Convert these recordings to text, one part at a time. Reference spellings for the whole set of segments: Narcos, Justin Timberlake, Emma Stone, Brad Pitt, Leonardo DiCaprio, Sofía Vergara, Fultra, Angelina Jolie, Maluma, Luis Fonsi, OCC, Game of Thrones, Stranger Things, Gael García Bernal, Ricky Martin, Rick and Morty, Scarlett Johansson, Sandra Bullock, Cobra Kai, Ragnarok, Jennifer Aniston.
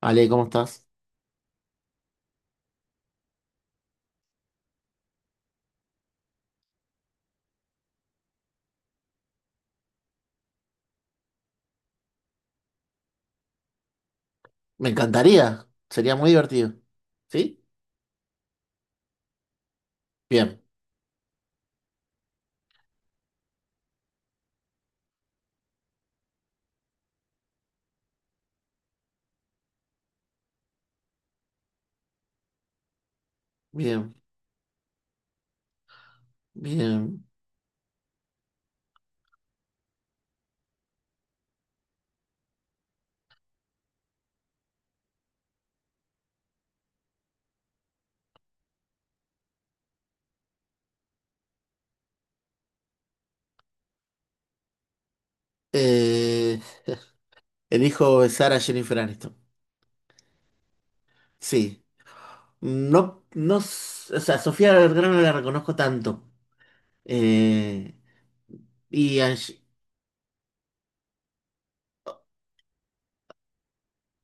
Ale, ¿cómo estás? Me encantaría, sería muy divertido. ¿Sí? Bien, bien, bien. Eh, elijo besar a Jennifer Aniston. Sí, no, no, o sea, Sofía Vergara no la reconozco tanto. Eh, y a Ye-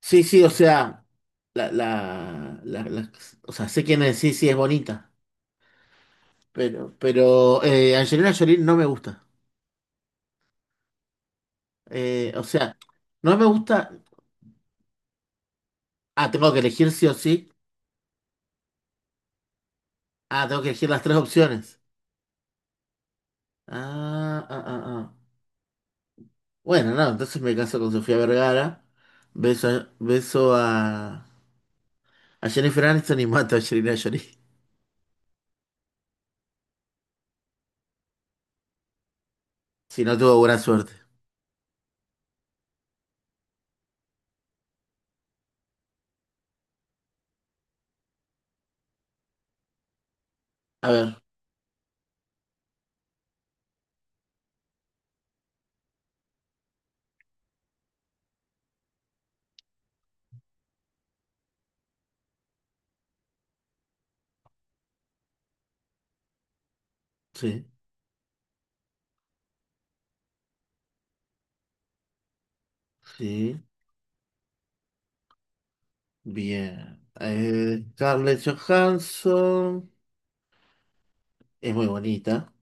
sí, sí, o sea, la o sea, sé quién es, sí, sí, es bonita, pero Angelina Jolie no me gusta. O sea, no me gusta. Ah, tengo que elegir sí o sí. Ah, tengo que elegir las tres opciones. Ah, ah, ah, ah. Bueno, no, entonces me caso con Sofía Vergara. Beso, beso a Jennifer Aniston y mato a Angelina Jolie. Si no tuvo buena suerte. A ver, sí, sí, bien. Scarlett Johansson es muy bonita.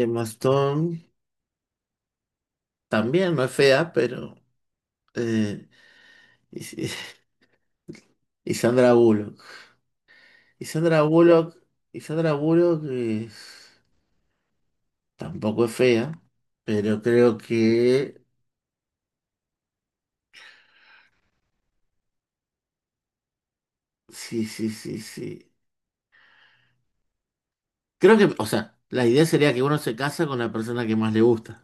Emma Stone también, no es fea, pero eh, y, y- y Sandra Bullock. Y Sandra Bullock, y Sandra Bullock es. Tampoco es fea, pero creo que sí, sí, sí, sí. Creo que, o sea, la idea sería que uno se casa con la persona que más le gusta.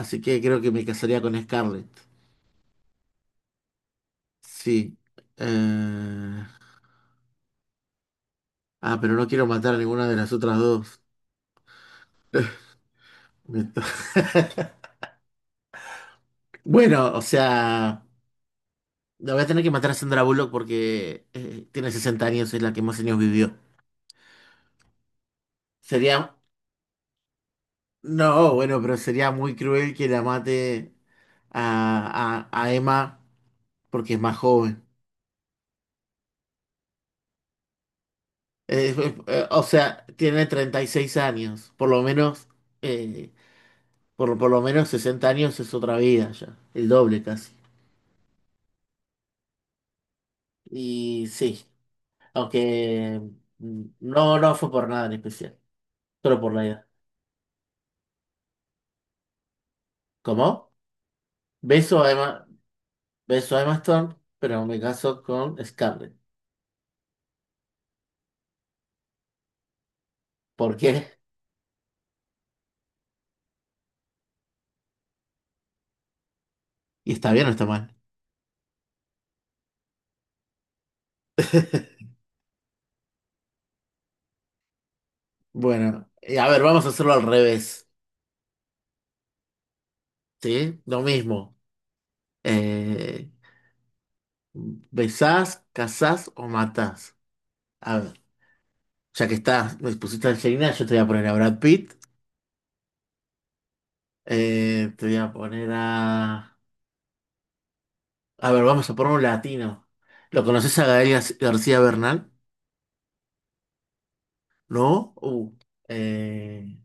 Así que creo que me casaría con Scarlett. Sí. Eh, Ah, pero no quiero matar a ninguna de las otras dos. Me to- Bueno, o sea, la voy a tener que matar a Sandra Bullock porque tiene 60 años, es la que más años vivió. Sería, no, bueno, pero sería muy cruel que la mate a, a Emma, porque es más joven. Eh, o sea, tiene 36 años, por lo menos, eh, por lo menos 60 años es otra vida ya, el doble casi. Y sí, aunque no, no fue por nada en especial, solo por la edad. ¿Cómo? Beso a Emma, beso a Emma Stone, pero me caso con Scarlett. ¿Por qué? ¿Y está bien o está mal? Bueno, a ver, vamos a hacerlo al revés, ¿sí? Lo mismo. Eh, ¿Besás, casás o matás? A ver, ya que estás, me pusiste a Angelina, yo te voy a poner a Brad Pitt. Te voy a poner a. A ver, vamos a poner un latino. ¿Lo conoces a García Bernal? ¿No? Eh,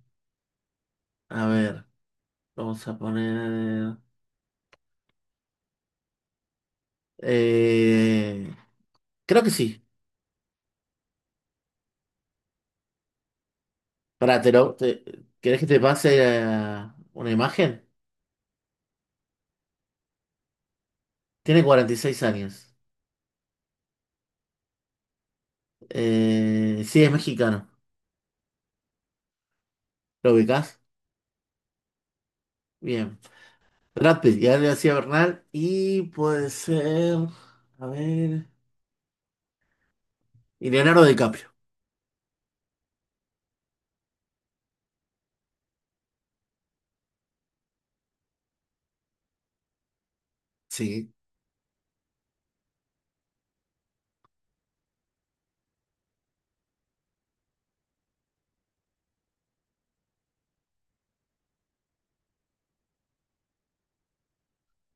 a ver, vamos a poner. Eh, creo que sí. Pará, ¿querés que te pase una imagen? Tiene 46 años. Sí, es mexicano. ¿Lo ubicás? Bien. Brad Pitt, ya le hacía Bernal. Y puede ser. A ver. Y Leonardo DiCaprio. Sí.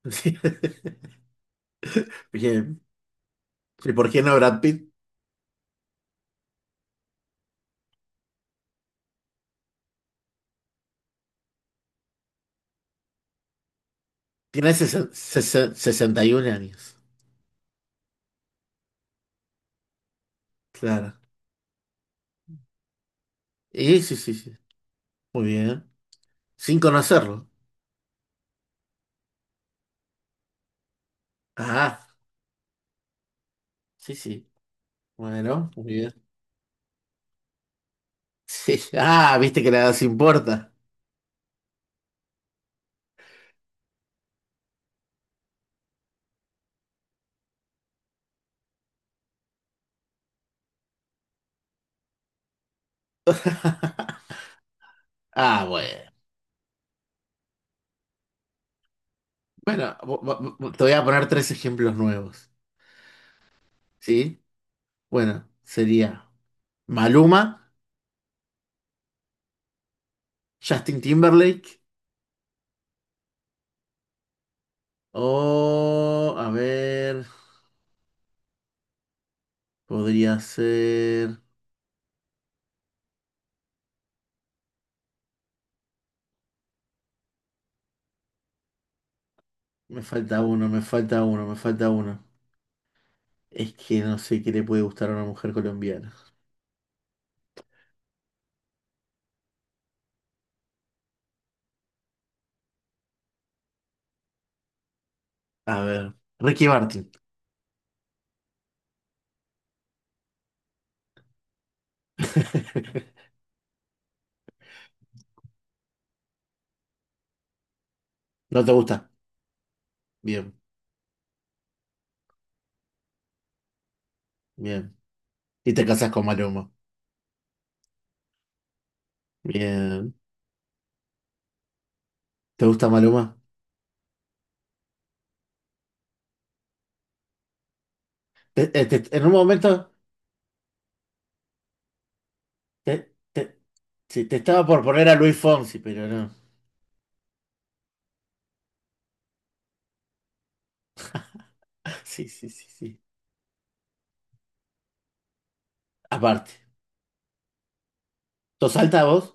Sí. Bien. ¿Y por qué no Brad Pitt? Tiene 61 años. Claro. Y sí, sí, sí. Muy bien. Sin conocerlo. Ah, sí, sí. Bueno, muy bien. Sí. Ah, viste que la edad se importa. Ah, bueno. Bueno, te voy a poner tres ejemplos nuevos. ¿Sí? Bueno, sería Maluma. Justin Timberlake. O, a ver, podría ser... Me falta uno, me falta uno, me falta uno. Es que no sé qué le puede gustar a una mujer colombiana. A ver, Ricky Martin. ¿No te gusta? Bien, bien. Y te casas con Maluma. Bien. ¿Te gusta Maluma? Te- te- en un momento te, te, Sí, te estaba por poner a Luis Fonsi, pero no. Sí, sí, sí, sí. Aparte. ¿Sos alta vos?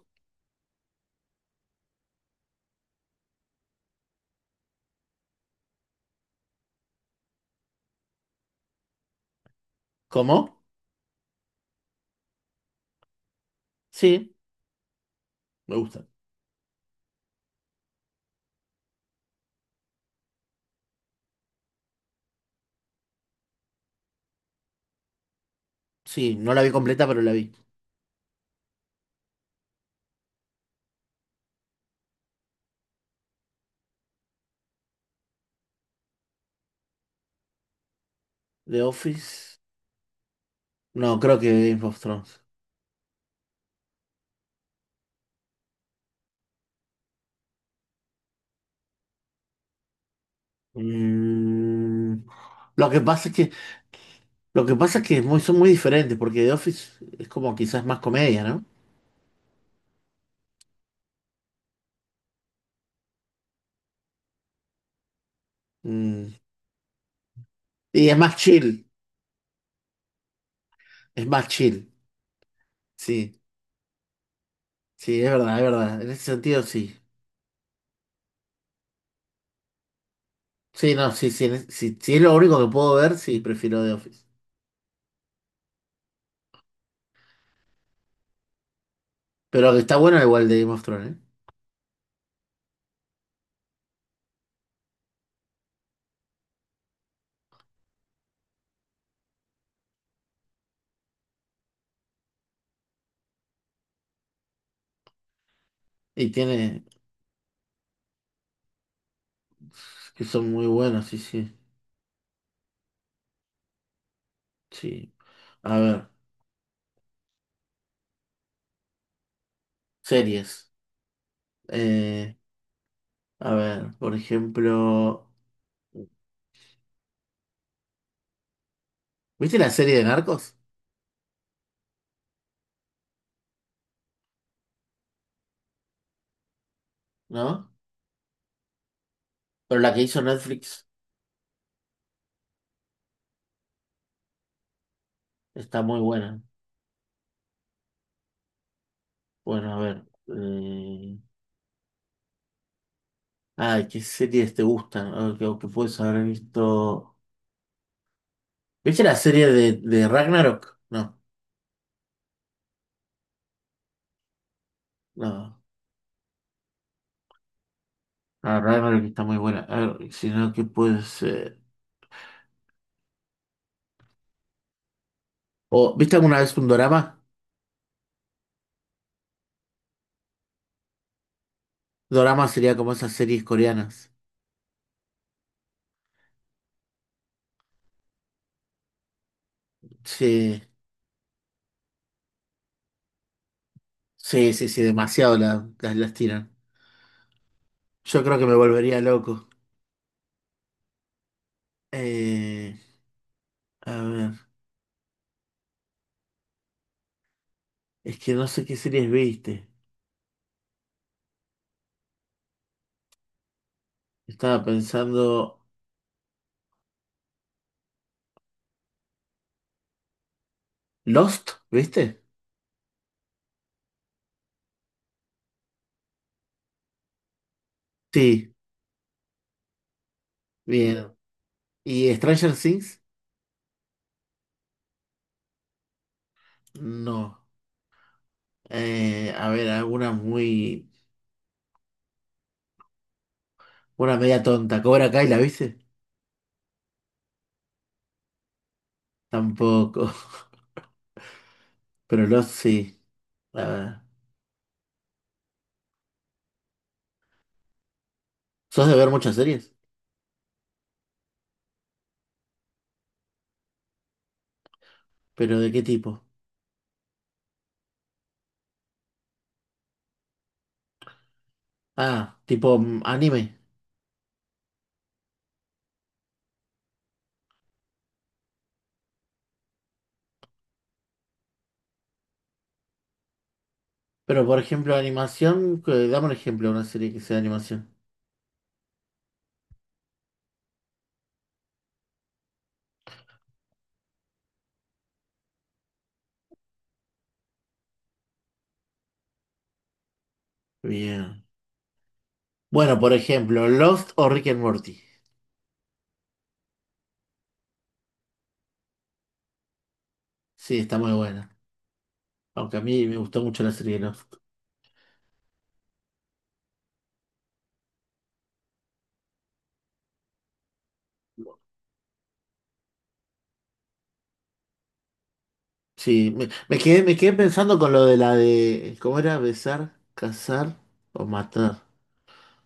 ¿Cómo? Sí, me gusta. Sí, no la vi completa, pero la vi. The Office. No, creo que Game of Thrones. Mm, lo que pasa es que, lo que pasa es que es son muy diferentes, porque The Office es como quizás más comedia, ¿no? Mm, y es más chill, es más chill. Sí, sí, es verdad, es verdad. En ese sentido, sí. Sí, no, sí, sí, sí, si es lo único que puedo ver, sí, prefiero The Office. Pero que está bueno igual de Game of Thrones, ¿eh? Y tiene, que son muy buenos, sí, sí, sí. A ver, series. eh, A ver, por ejemplo, ¿viste la serie de Narcos? ¿No? Pero la que hizo Netflix está muy buena. Bueno, a ver. Ay, ¿qué series te gustan? A ver, que puedes haber visto. ¿Viste la serie de Ragnarok? No, no. Ah, Ragnarok está muy buena. A ver, si no, ¿qué puede ser? ¿O viste alguna vez un dorama? Dorama sería como esas series coreanas. Sí, sí, sí, sí, demasiado las tiran. Yo creo que me volvería loco. Eh, A ver, es que no sé qué series viste. Estaba pensando. ¿Lost? ¿Viste? Sí, bien. ¿Y Stranger Things? No. A ver, alguna muy. Una media tonta. ¿Cobra Kai la viste? Tampoco. Pero Lost sí. A ver. ¿Sos de ver muchas series? ¿Pero de qué tipo? Ah, tipo anime. Pero por ejemplo, animación. Dame un ejemplo de una serie que sea de animación. Bien. Bueno, por ejemplo, Lost o Rick and Morty. Sí, está muy buena. Aunque a mí me gustó mucho la serie Lost. Sí, me quedé pensando con lo de la de, ¿cómo era? Besar, cazar o matar.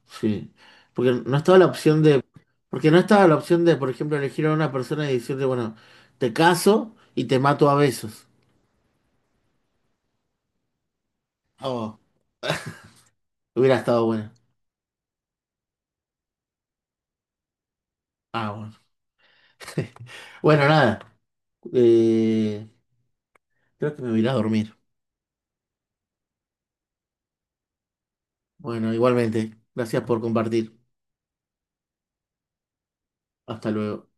Sí. Porque no estaba la opción de, porque no estaba la opción de, por ejemplo, elegir a una persona y decirle, bueno, te caso y te mato a besos. Oh, hubiera estado bueno. Ah, bueno. Bueno, nada. Eh, Creo que me voy a ir a dormir. Bueno, igualmente. Gracias por compartir. Hasta luego.